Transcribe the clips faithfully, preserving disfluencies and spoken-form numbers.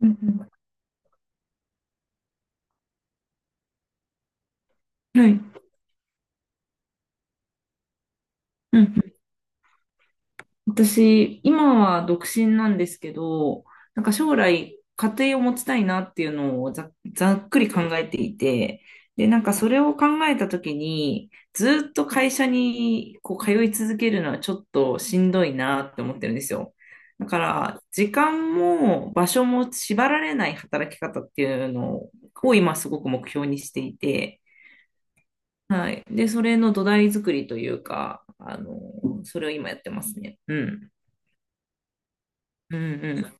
うんうん、はい。うんうん。私、今は独身なんですけど、なんか将来、家庭を持ちたいなっていうのをざ、ざっくり考えていて、で、なんかそれを考えたときに、ずっと会社にこう通い続けるのはちょっとしんどいなって思ってるんですよ。だから、時間も場所も縛られない働き方っていうのを今すごく目標にしていて、はい。で、それの土台作りというか、あの、それを今やってますね。うん。うん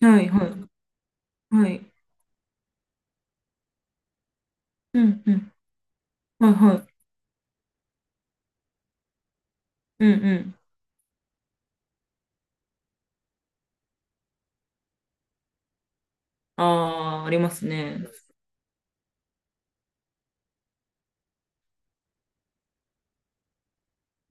うん。はいはい。はい。うんうん。はいはい。うんうん。ああ、ありますね。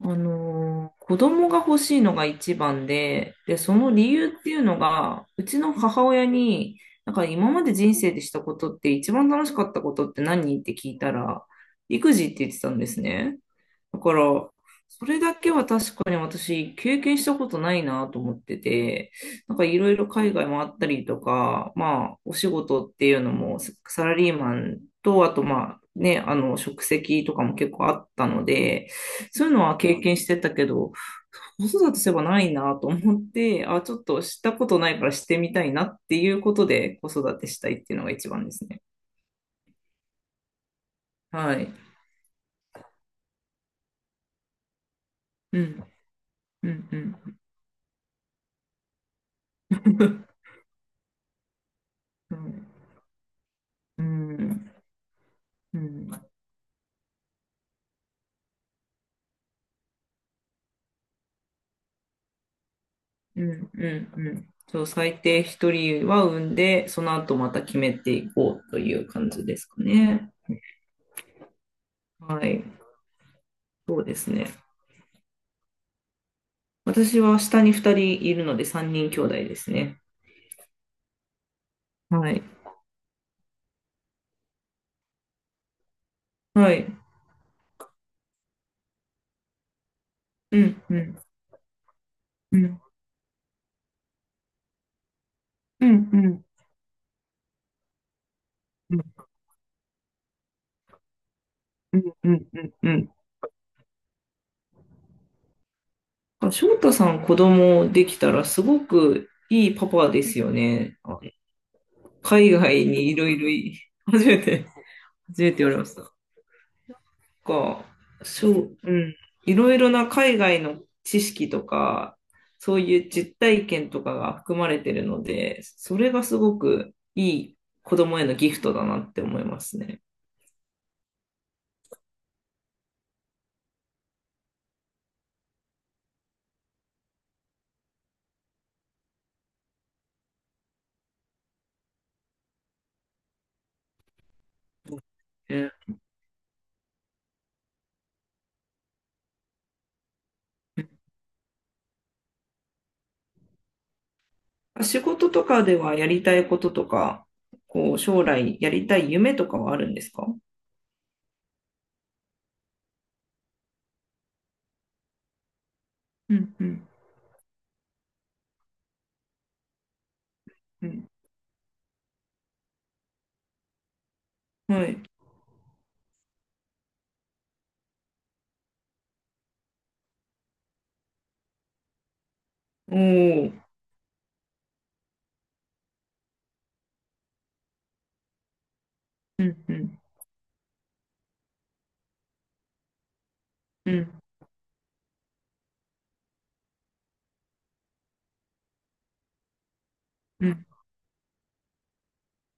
あのー子供が欲しいのが一番で、で、その理由っていうのが、うちの母親に、なんか今まで人生でしたことって一番楽しかったことって何って聞いたら、育児って言ってたんですね。だから、それだけは確かに私経験したことないなと思ってて、なんかいろいろ海外もあったりとか、まあ、お仕事っていうのもサラリーマンと、あとまあ、ね、あの、職責とかも結構あったので、そういうのは経験してたけど、子育てすればないなと思って、あ、ちょっとしたことないからしてみたいなっていうことで子育てしたいっていうのが一番ですね。はい。うん、うん、うん。うん、うん、うん。うんうんうん。そう、最低一人は産んで、その後また決めていこうという感じですかね。はい。そうですね。私は下に二人いるので三人兄弟ですね。はい。はい。うん、うん、うん、うん、うん、うん、うん、うん、うん。あ、翔太さん子供できたらすごくいいパパですよね。あ、海外にいろいろい、初めて、初めて言われました。か、そううん。いろいろな海外の知識とか、そういう実体験とかが含まれてるので、それがすごくいい子供へのギフトだなって思いますね。ね、仕事とかではやりたいこととか、こう将来やりたい夢とかはあるんですか？うんうんうん、はい。おー。うんうんうんうん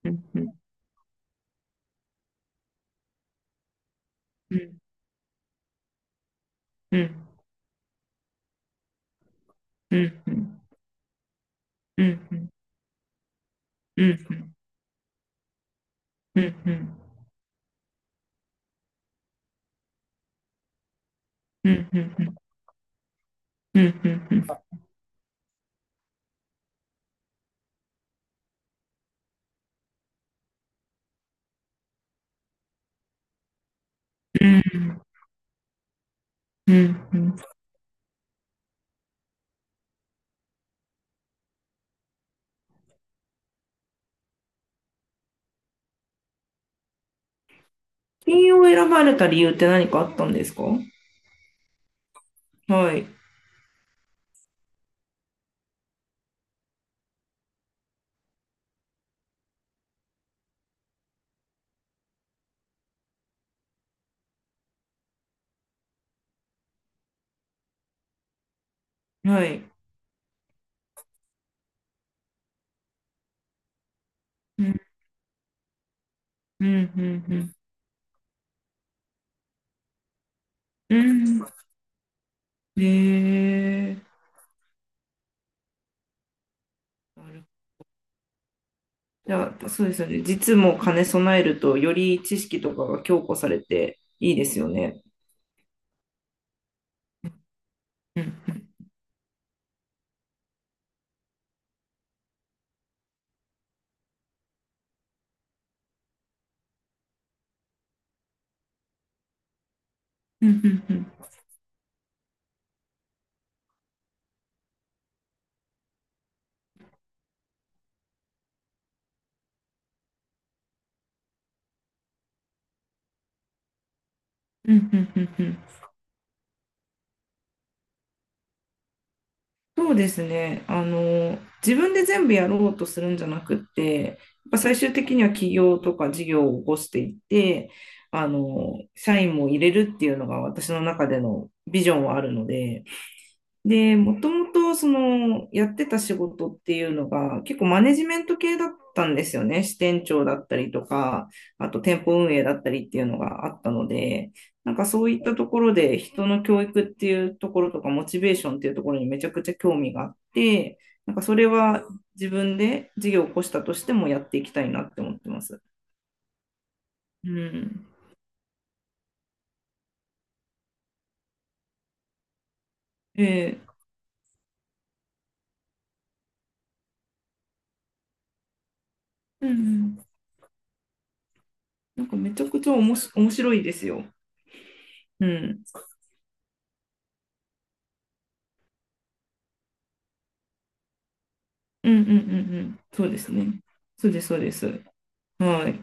うんうんうんうんうんうんうんうんうんうんうんうんうんうんうんうんうんうんうんうんうん。金曜を選ばれた理由って何かあったんですか？はいはい。うんうんうんうん。うん、へえ。なるじゃあそうですよね、実も金兼ね備えるとより知識とかが強固されていいですよね。うんうんうんうんうんうんうん。うんそうですね。あの、自分で全部やろうとするんじゃなくって、やっぱ最終的には企業とか事業を起こしていって、あの、社員も入れるっていうのが私の中でのビジョンはあるので、で、もともとそのやってた仕事っていうのが結構マネジメント系だったんですよね。支店長だったりとか、あと店舗運営だったりっていうのがあったので、なんかそういったところで人の教育っていうところとかモチベーションっていうところにめちゃくちゃ興味があって、なんかそれは自分で事業を起こしたとしてもやっていきたいなって思ってます。うん。ええ。うんうん。なんかめちゃくちゃおもし面白いですよ。うん。うんうんうんうん。そうですね。そうです、そうです。はい。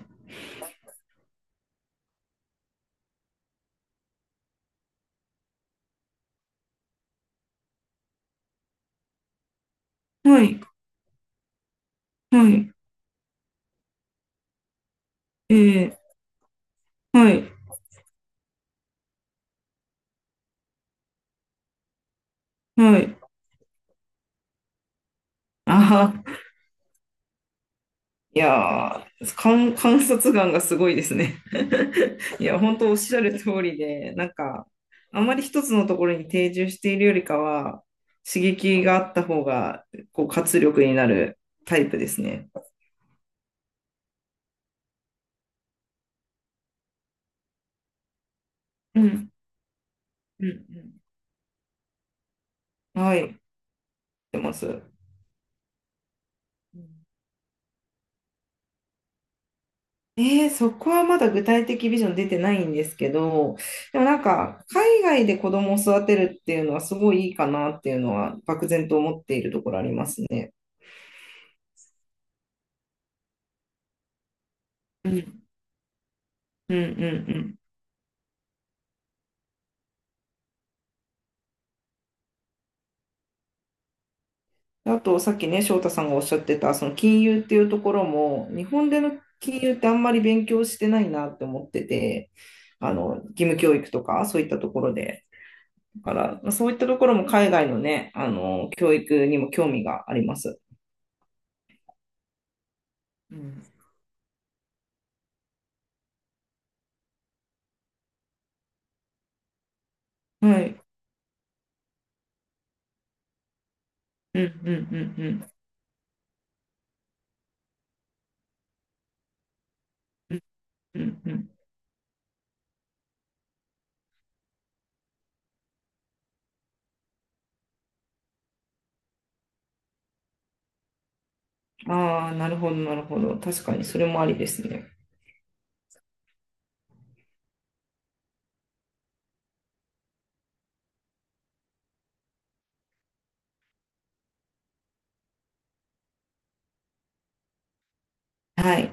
はい。はい。えー、はい。はい。ああ、いやー、観、観察眼がすごいですね。いや、本当おっしゃる通りで、なんか、あまり一つのところに定住しているよりかは、刺激があった方が、こう、活力になるタイプですね。うん。うんうん。はい。やってます。うん。えー、そこはまだ具体的ビジョン出てないんですけど、でもなんか、海外で子供を育てるっていうのはすごいいいかなっていうのは、漠然と思っているところありますね。うん、うん、うんうん。あと、さっきね、翔太さんがおっしゃってた、その金融っていうところも、日本での金融ってあんまり勉強してないなって思ってて、あの、義務教育とか、そういったところで。だから、まあそういったところも海外のね、あの、教育にも興味があります。うん、はい。うんうんうんうんうんうんうん。ああ、なるほど、なるほど。確かにそれもありですね。はい。